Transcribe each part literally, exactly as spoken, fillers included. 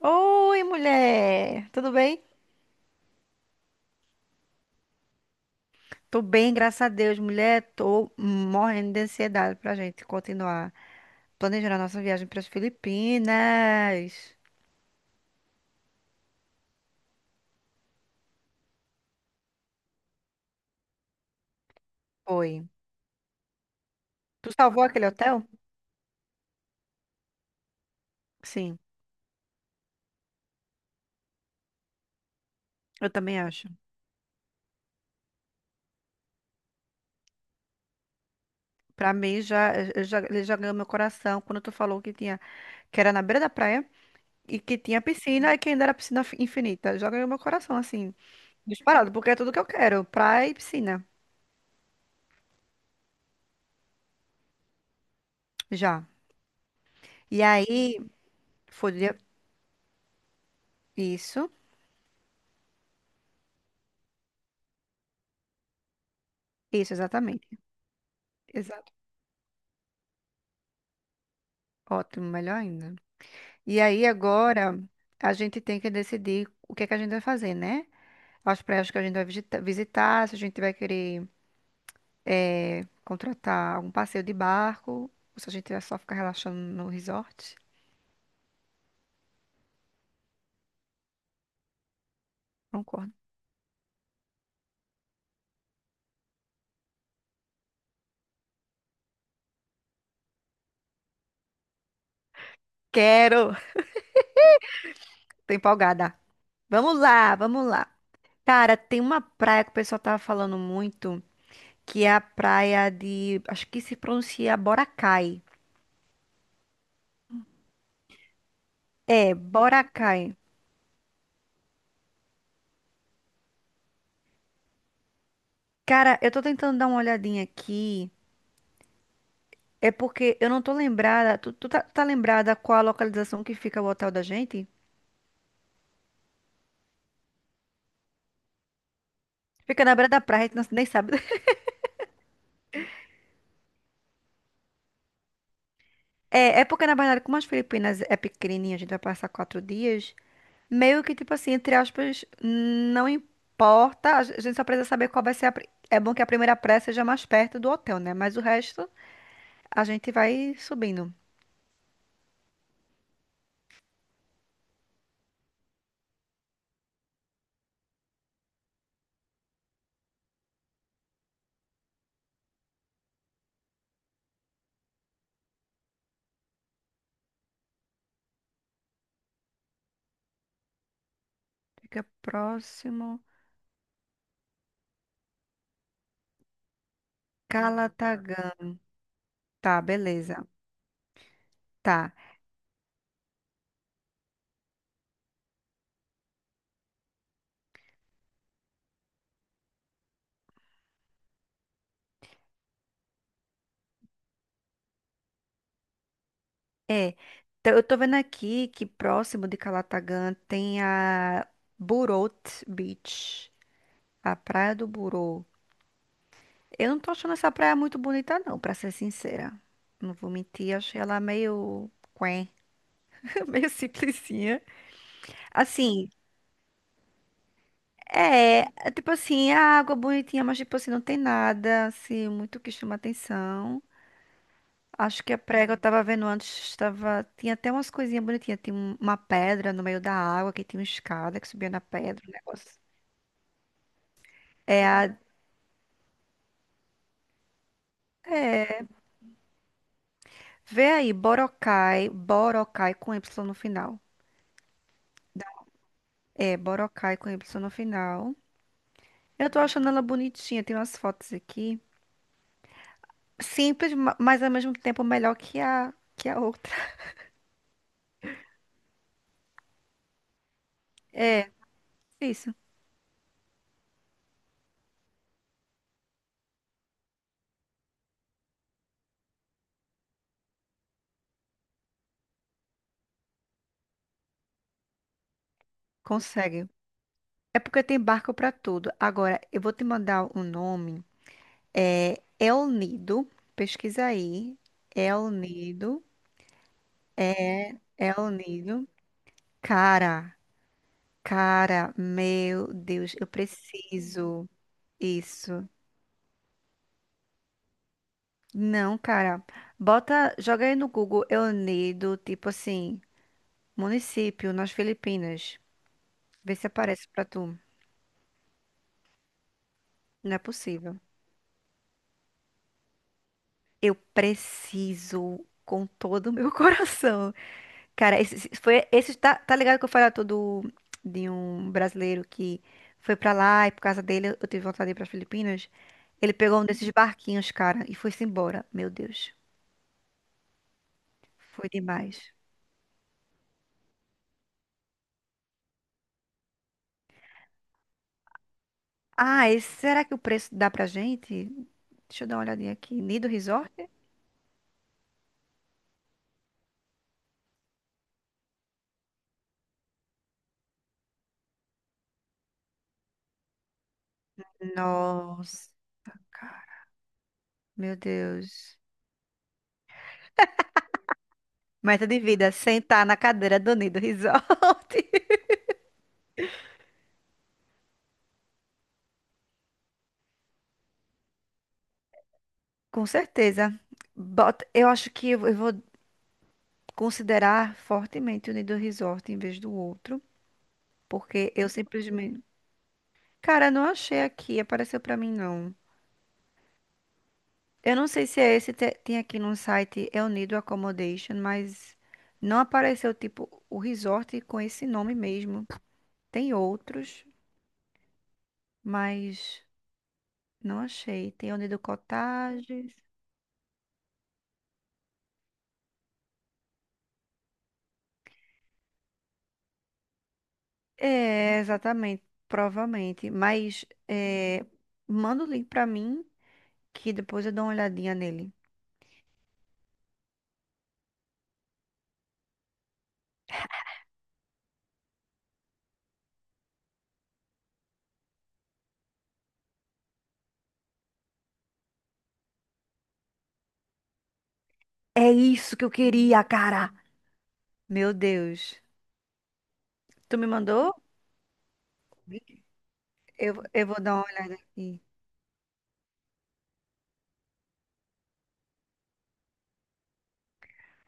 Oi, mulher! Tudo bem? Tô bem, graças a Deus, mulher. Tô morrendo de ansiedade pra gente continuar planejando a nossa viagem para as Filipinas. Oi. Tu salvou aquele hotel? Sim, eu também acho. Pra mim, já, eu já, ele já ganhou meu coração quando tu falou que tinha, que era na beira da praia e que tinha piscina e que ainda era piscina fi- infinita. Já ganhou meu coração, assim, disparado, porque é tudo que eu quero, praia e piscina, já. E aí, foi dia- isso, isso, exatamente. Exato. Ótimo, melhor ainda. E aí agora a gente tem que decidir o que é que a gente vai fazer, né? As praias que a gente vai visita- visitar, se a gente vai querer eh, contratar algum passeio de barco, ou se a gente vai só ficar relaxando no resort. Concordo. Quero! Tô empolgada. Vamos lá, vamos lá. Cara, tem uma praia que o pessoal tava falando muito, que é a praia de, acho que se pronuncia Boracay. É, Boracay. Cara, eu tô tentando dar uma olhadinha aqui. É porque eu não tô lembrada. Tu, tu tá, tá lembrada qual a localização que fica o hotel da gente? Fica na beira da praia, a gente não- nem sabe. É, é porque, na verdade, como as Filipinas é pequenininha, a gente vai passar quatro dias. Meio que, tipo assim, entre aspas, não importa. A gen- a gente só precisa saber qual vai ser a. pri- É bom que a primeira praia seja mais perto do hotel, né? Mas o resto, a gente vai subindo. Fica próximo. Calatagam. Tá, beleza. Tá. É, tá, eu tô vendo aqui que próximo de Calatagan tem a Burot Beach, a Praia do Burô. Eu não tô achando essa praia muito bonita, não, pra ser sincera. Não vou mentir, achei ela meio quen, meio simplesinha. Assim, é, é tipo assim, a água é bonitinha, mas tipo assim, não tem nada, assim, muito que chama atenção. Acho que a prega eu tava vendo antes, tava tinha até umas coisinhas bonitinhas. Tinha um- uma pedra no meio da água, que tinha uma escada que subia na pedra, um negócio. É a. É, vê aí, Boracay, Boracay com Y no final. É, Boracay com Y no final. Eu tô achando ela bonitinha, tem umas fotos aqui. Simples, ma- mas ao mesmo tempo melhor que a, que a outra. É, isso. Consegue. É porque tem barco pra tudo. Agora, eu vou te mandar o nome. É El Nido. Pesquisa aí. El Nido. El Nido. Cara, cara, meu Deus, eu preciso. Isso. Não, cara. Bota, joga aí no Google El Nido, tipo assim, município nas Filipinas. Vê se aparece pra tu. Não é possível. Eu preciso com todo o meu coração. Cara, esse, esse- foi, esse tá, tá ligado que eu falei todo de um brasileiro que foi pra lá e por causa dele eu tive vontade de ir pras Filipinas. Ele pegou um desses barquinhos, cara, e foi-se embora. Meu Deus, foi demais. Ah, esse, será que o preço dá pra gente? Deixa eu dar uma olhadinha aqui. Nido Resort? Nossa, cara, meu Deus. Meta de vida, sentar na cadeira do Nido Resort. Com certeza. Bota, eu acho que eu eu vou considerar fortemente o Nido Resort em vez do outro, porque eu simplesmente. Cara, não achei aqui, apareceu pra mim não. Eu não sei se é esse, te- tem aqui no site, é o Nido Accommodation, mas não apareceu, tipo, o resort com esse nome mesmo. Tem outros, mas não achei. Tem o Nido Cottages. É, exatamente, provavelmente. Mas é, manda o link pra mim, que depois eu dou uma olhadinha nele. É isso que eu queria, cara! Meu Deus. Tu me mandou? Eu, eu vou dar uma olhada aqui.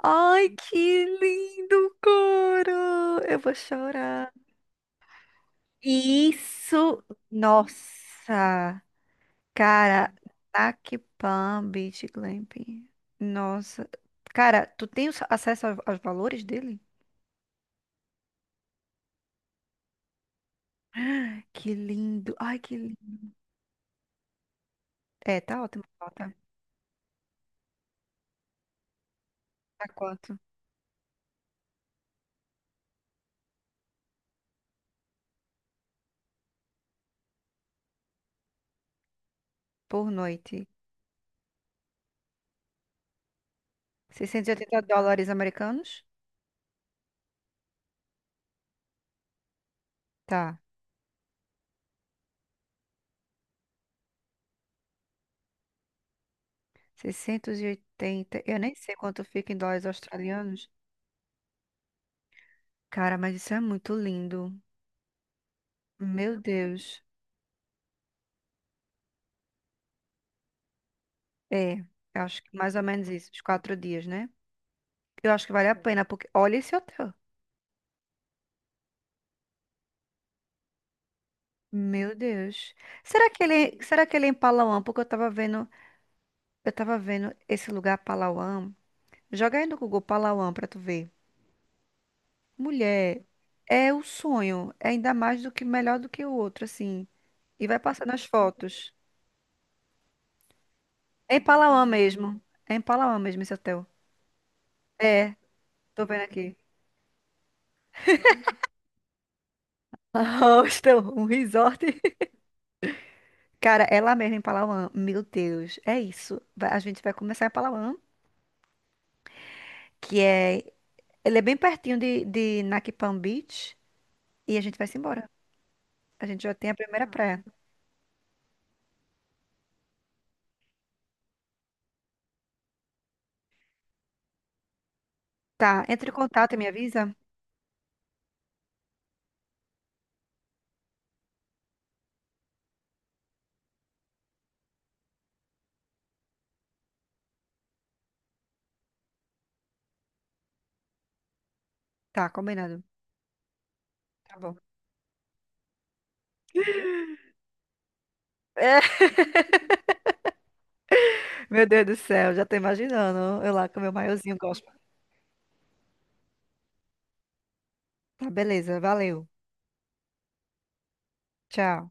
Ai, que lindo, cara! Eu vou chorar. Isso, nossa, cara, Nac Palm Beach Glamping. Nossa, cara, tu tem os- acesso aos, aos valores dele? Que lindo, ai, que lindo. É, tá ótimo, tá, tá quanto? Por noite, seiscentos e oitenta dólares americanos? Tá. Seiscentos e oitenta. Eu nem sei quanto fica em dólares australianos. Cara, mas isso é muito lindo. Meu Deus. É, eu acho que mais ou menos isso, os quatro dias, né? Eu acho que vale a pena, porque olha esse hotel. Meu Deus. Será que ele, será que ele é em Palawan? Porque eu tava vendo, eu tava vendo esse lugar Palawan. Joga aí no Google Palawan pra tu ver. Mulher, é o sonho. É ainda mais do que melhor do que o outro, assim. E vai passando as fotos. É em Palawan mesmo. É em Palawan mesmo esse hotel. É, tô vendo aqui. Hostel, um resort. Cara, é lá mesmo em Palawan. Meu Deus, é isso. Vai- A gente vai começar em Palawan, que é. Ele é bem pertinho de, de, Naki Palm Beach. E a gente vai se embora. A gente já tem a primeira praia. Tá, entre em contato e me avisa. Tá, combinado. Tá bom. É, Meu Deus do céu, já tô imaginando. Eu lá com meu maiozinho gospel. Tá, beleza, valeu. Tchau.